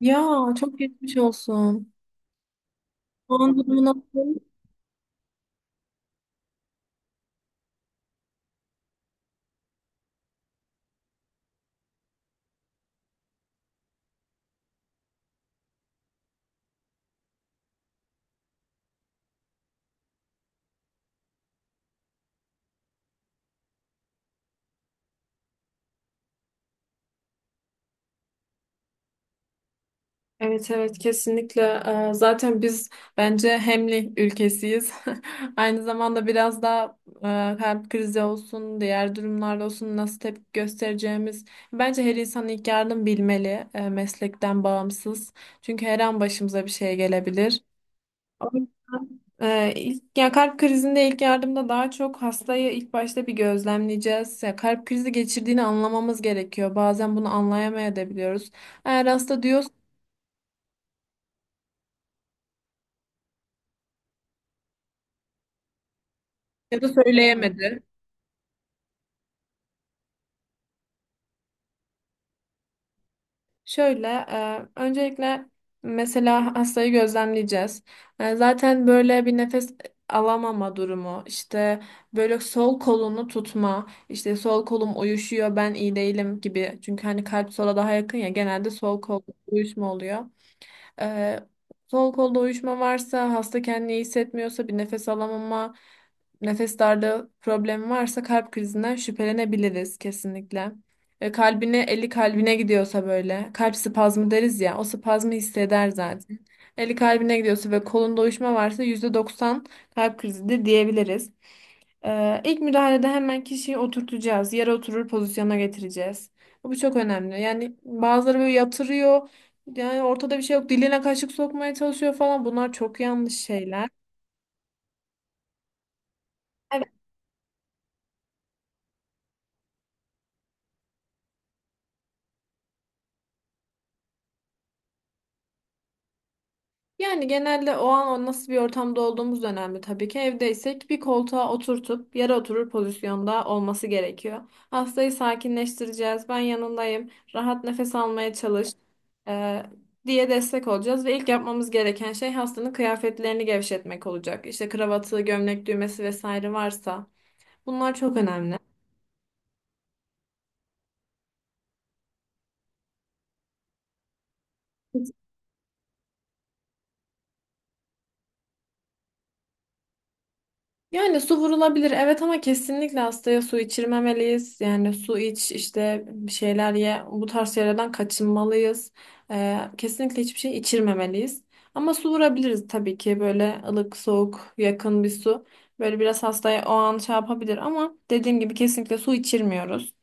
Ya, çok geçmiş olsun. Şu an durumu nasıl? Evet, evet, kesinlikle. Zaten biz bence hemli ülkesiyiz. Aynı zamanda biraz daha kalp krizi olsun, diğer durumlarda olsun nasıl tepki göstereceğimiz. Bence her insan ilk yardım bilmeli, meslekten bağımsız. Çünkü her an başımıza bir şey gelebilir. O yüzden, ya kalp krizinde ilk yardımda daha çok hastayı ilk başta bir gözlemleyeceğiz. Ya kalp krizi geçirdiğini anlamamız gerekiyor. Bazen bunu anlayamayabiliyoruz. Eğer hasta diyorsa ya da söyleyemedi. Şöyle, öncelikle mesela hastayı gözlemleyeceğiz. Zaten böyle bir nefes alamama durumu, işte böyle sol kolunu tutma, işte sol kolum uyuşuyor, ben iyi değilim gibi. Çünkü hani kalp sola daha yakın ya, genelde sol kol uyuşma oluyor. Ee, Sol kolda uyuşma varsa, hasta kendini iyi hissetmiyorsa, bir nefes alamama, nefes darlığı problemi varsa kalp krizinden şüphelenebiliriz kesinlikle. Kalbine, eli kalbine gidiyorsa böyle, kalp spazmı deriz ya, o spazmı hisseder zaten. Eli kalbine gidiyorsa ve kolunda uyuşma varsa %90 kalp krizidir diyebiliriz. İlk müdahalede hemen kişiyi oturtacağız. Yere oturur pozisyona getireceğiz. Bu çok önemli. Yani bazıları böyle yatırıyor. Yani ortada bir şey yok. Diline kaşık sokmaya çalışıyor falan. Bunlar çok yanlış şeyler. Evet. Yani genelde o an o nasıl bir ortamda olduğumuz da önemli tabii ki. Evdeysek bir koltuğa oturtup yere oturur pozisyonda olması gerekiyor. Hastayı sakinleştireceğiz. Ben yanındayım. Rahat nefes almaya çalış. e, diye destek olacağız ve ilk yapmamız gereken şey hastanın kıyafetlerini gevşetmek olacak. İşte kravatı, gömlek düğmesi vesaire varsa bunlar çok önemli. Yani su vurulabilir, evet, ama kesinlikle hastaya su içirmemeliyiz. Yani su iç, işte bir şeyler ye, bu tarz şeylerden kaçınmalıyız. Kesinlikle hiçbir şey içirmemeliyiz. Ama su vurabiliriz tabii ki, böyle ılık soğuk yakın bir su. Böyle biraz hastaya o an şey yapabilir ama dediğim gibi kesinlikle su içirmiyoruz.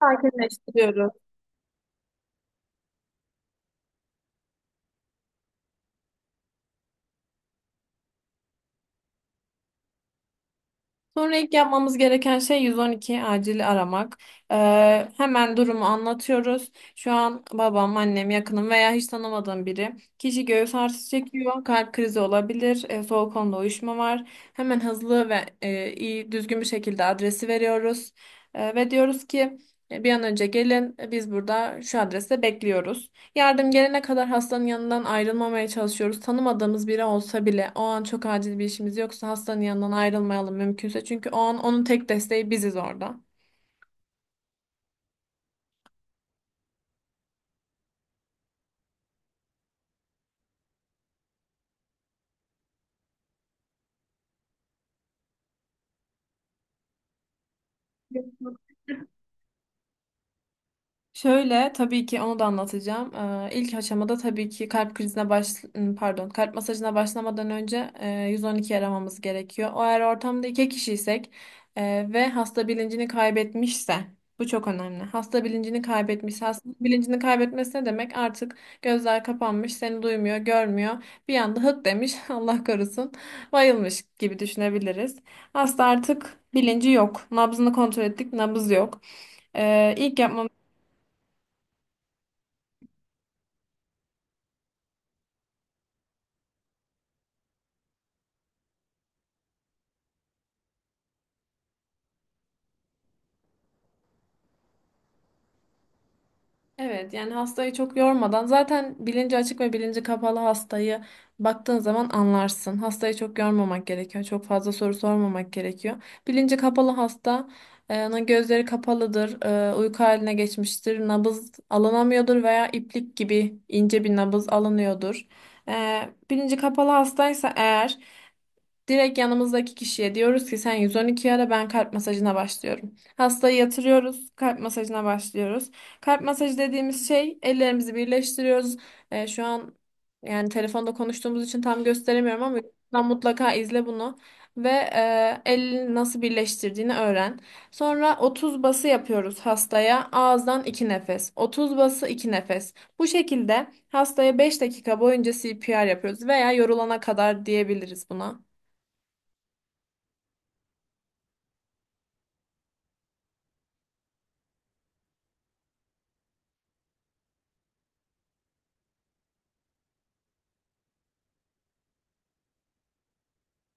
Sakinleştiriyoruz. Sonra ilk yapmamız gereken şey 112 acil aramak. Hemen durumu anlatıyoruz. Şu an babam, annem, yakınım veya hiç tanımadığım biri. Kişi göğüs ağrısı çekiyor, kalp krizi olabilir, soğuk onda uyuşma var. Hemen hızlı ve iyi, düzgün bir şekilde adresi veriyoruz. Ve diyoruz ki bir an önce gelin, biz burada şu adreste bekliyoruz. Yardım gelene kadar hastanın yanından ayrılmamaya çalışıyoruz. Tanımadığımız biri olsa bile o an çok acil bir işimiz yoksa hastanın yanından ayrılmayalım mümkünse. Çünkü o an onun tek desteği biziz orada. Şöyle, tabii ki onu da anlatacağım. İlk aşamada tabii ki kalp krizine baş ım, pardon kalp masajına başlamadan önce 112 aramamız gerekiyor. O, eğer ortamda iki kişiysek ve hasta bilincini kaybetmişse bu çok önemli. Hasta bilincini kaybetmişse, hasta bilincini kaybetmesi ne demek? Artık gözler kapanmış, seni duymuyor, görmüyor. Bir anda hık demiş, Allah korusun, bayılmış gibi düşünebiliriz. Hasta artık bilinci yok. Nabzını kontrol ettik, nabız yok. İlk yapmamız Evet, yani hastayı çok yormadan zaten bilinci açık ve bilinci kapalı hastayı baktığın zaman anlarsın. Hastayı çok yormamak gerekiyor. Çok fazla soru sormamak gerekiyor. Bilinci kapalı hasta, onun gözleri kapalıdır, uyku haline geçmiştir, nabız alınamıyordur veya iplik gibi ince bir nabız alınıyordur. E, Bilinci kapalı hastaysa eğer, direkt yanımızdaki kişiye diyoruz ki sen 112 ara, ben kalp masajına başlıyorum. Hastayı yatırıyoruz, kalp masajına başlıyoruz. Kalp masajı dediğimiz şey, ellerimizi birleştiriyoruz. Şu an yani telefonda konuştuğumuz için tam gösteremiyorum ama YouTube'dan mutlaka izle bunu ve elini nasıl birleştirdiğini öğren. Sonra 30 bası yapıyoruz hastaya. Ağızdan 2 nefes. 30 bası, 2 nefes. Bu şekilde hastaya 5 dakika boyunca CPR yapıyoruz veya yorulana kadar diyebiliriz buna.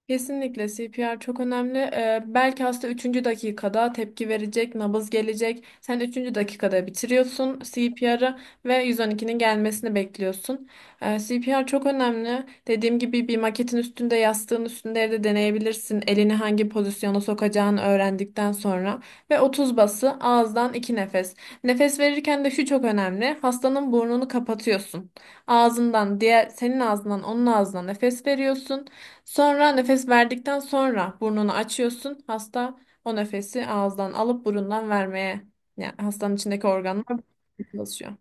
Kesinlikle CPR çok önemli. Belki hasta üçüncü dakikada tepki verecek, nabız gelecek. Sen üçüncü dakikada bitiriyorsun CPR'ı ve 112'nin gelmesini bekliyorsun. CPR çok önemli. Dediğim gibi bir maketin üstünde, yastığın üstünde evde deneyebilirsin. Elini hangi pozisyona sokacağını öğrendikten sonra. Ve 30 bası, ağızdan 2 nefes. Nefes verirken de şu çok önemli. Hastanın burnunu kapatıyorsun. Ağzından, diğer senin ağzından, onun ağzına nefes veriyorsun. Sonra nefes verdikten sonra burnunu açıyorsun. Hasta o nefesi ağızdan alıp burundan vermeye, yani hastanın içindeki organlar böyle çalışıyor.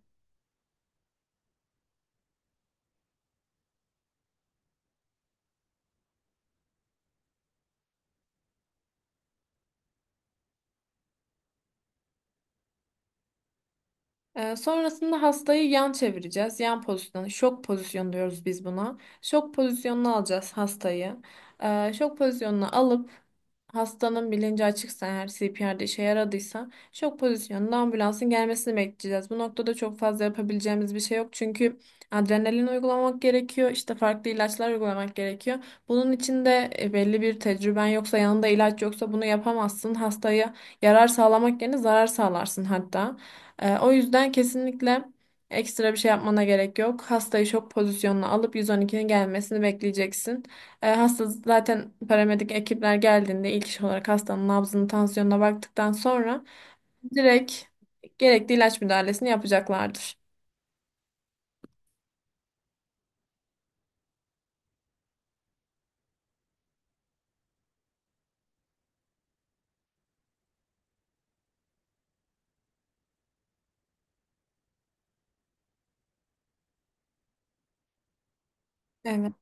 Sonrasında hastayı yan çevireceğiz. Yan pozisyonu, şok pozisyonu diyoruz biz buna. Şok pozisyonuna alacağız hastayı. Şok pozisyonuna alıp hastanın bilinci açıksa eğer, CPR'de işe yaradıysa, şok pozisyonunda ambulansın gelmesini bekleyeceğiz. Bu noktada çok fazla yapabileceğimiz bir şey yok. Çünkü adrenalin uygulamak gerekiyor. İşte farklı ilaçlar uygulamak gerekiyor. Bunun için de belli bir tecrüben yoksa, yanında ilaç yoksa bunu yapamazsın. Hastaya yarar sağlamak yerine zarar sağlarsın hatta. O yüzden kesinlikle ekstra bir şey yapmana gerek yok. Hastayı şok pozisyonuna alıp 112'nin gelmesini bekleyeceksin. Hasta zaten paramedik ekipler geldiğinde ilk iş olarak hastanın nabzını, tansiyonuna baktıktan sonra direkt gerekli ilaç müdahalesini yapacaklardır. Evet.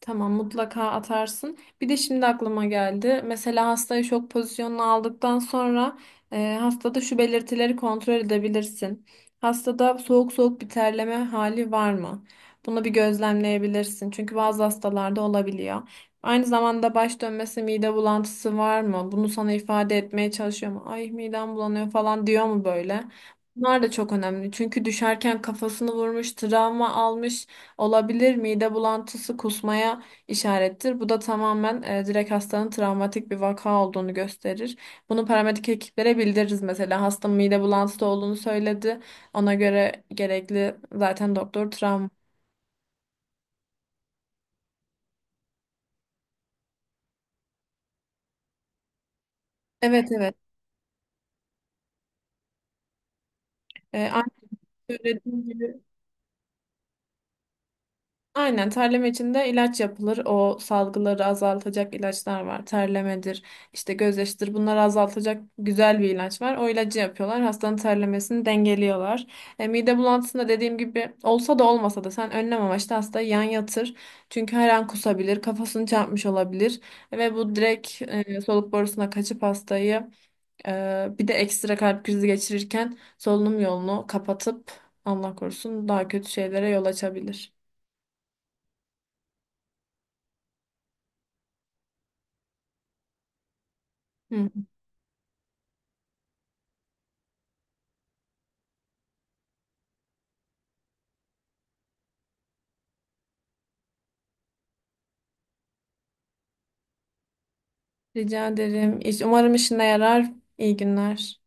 Tamam, mutlaka atarsın. Bir de şimdi aklıma geldi. Mesela hastayı şok pozisyonuna aldıktan sonra hastada şu belirtileri kontrol edebilirsin. Hastada soğuk soğuk bir terleme hali var mı? Bunu bir gözlemleyebilirsin. Çünkü bazı hastalarda olabiliyor. Aynı zamanda baş dönmesi, mide bulantısı var mı? Bunu sana ifade etmeye çalışıyor mu? Ay, midem bulanıyor falan diyor mu böyle? Bunlar da çok önemli. Çünkü düşerken kafasını vurmuş, travma almış. Olabilir, mide bulantısı kusmaya işarettir. Bu da tamamen direkt hastanın travmatik bir vaka olduğunu gösterir. Bunu paramedik ekiplere bildiririz mesela. Hasta mide bulantısı olduğunu söyledi. Ona göre gerekli, zaten doktor travma. Evet, evet. E, aynı söylediğim gibi Aynen, terleme için de ilaç yapılır. O salgıları azaltacak ilaçlar var. Terlemedir, işte gözyaşıdır. Bunları azaltacak güzel bir ilaç var. O ilacı yapıyorlar. Hastanın terlemesini dengeliyorlar. Mide bulantısında dediğim gibi olsa da olmasa da sen önlem amaçlı hastayı yan yatır. Çünkü her an kusabilir, kafasını çarpmış olabilir ve bu direkt soluk borusuna kaçıp hastayı, bir de ekstra kalp krizi geçirirken solunum yolunu kapatıp Allah korusun daha kötü şeylere yol açabilir. Rica ederim. Umarım işine yarar. İyi günler.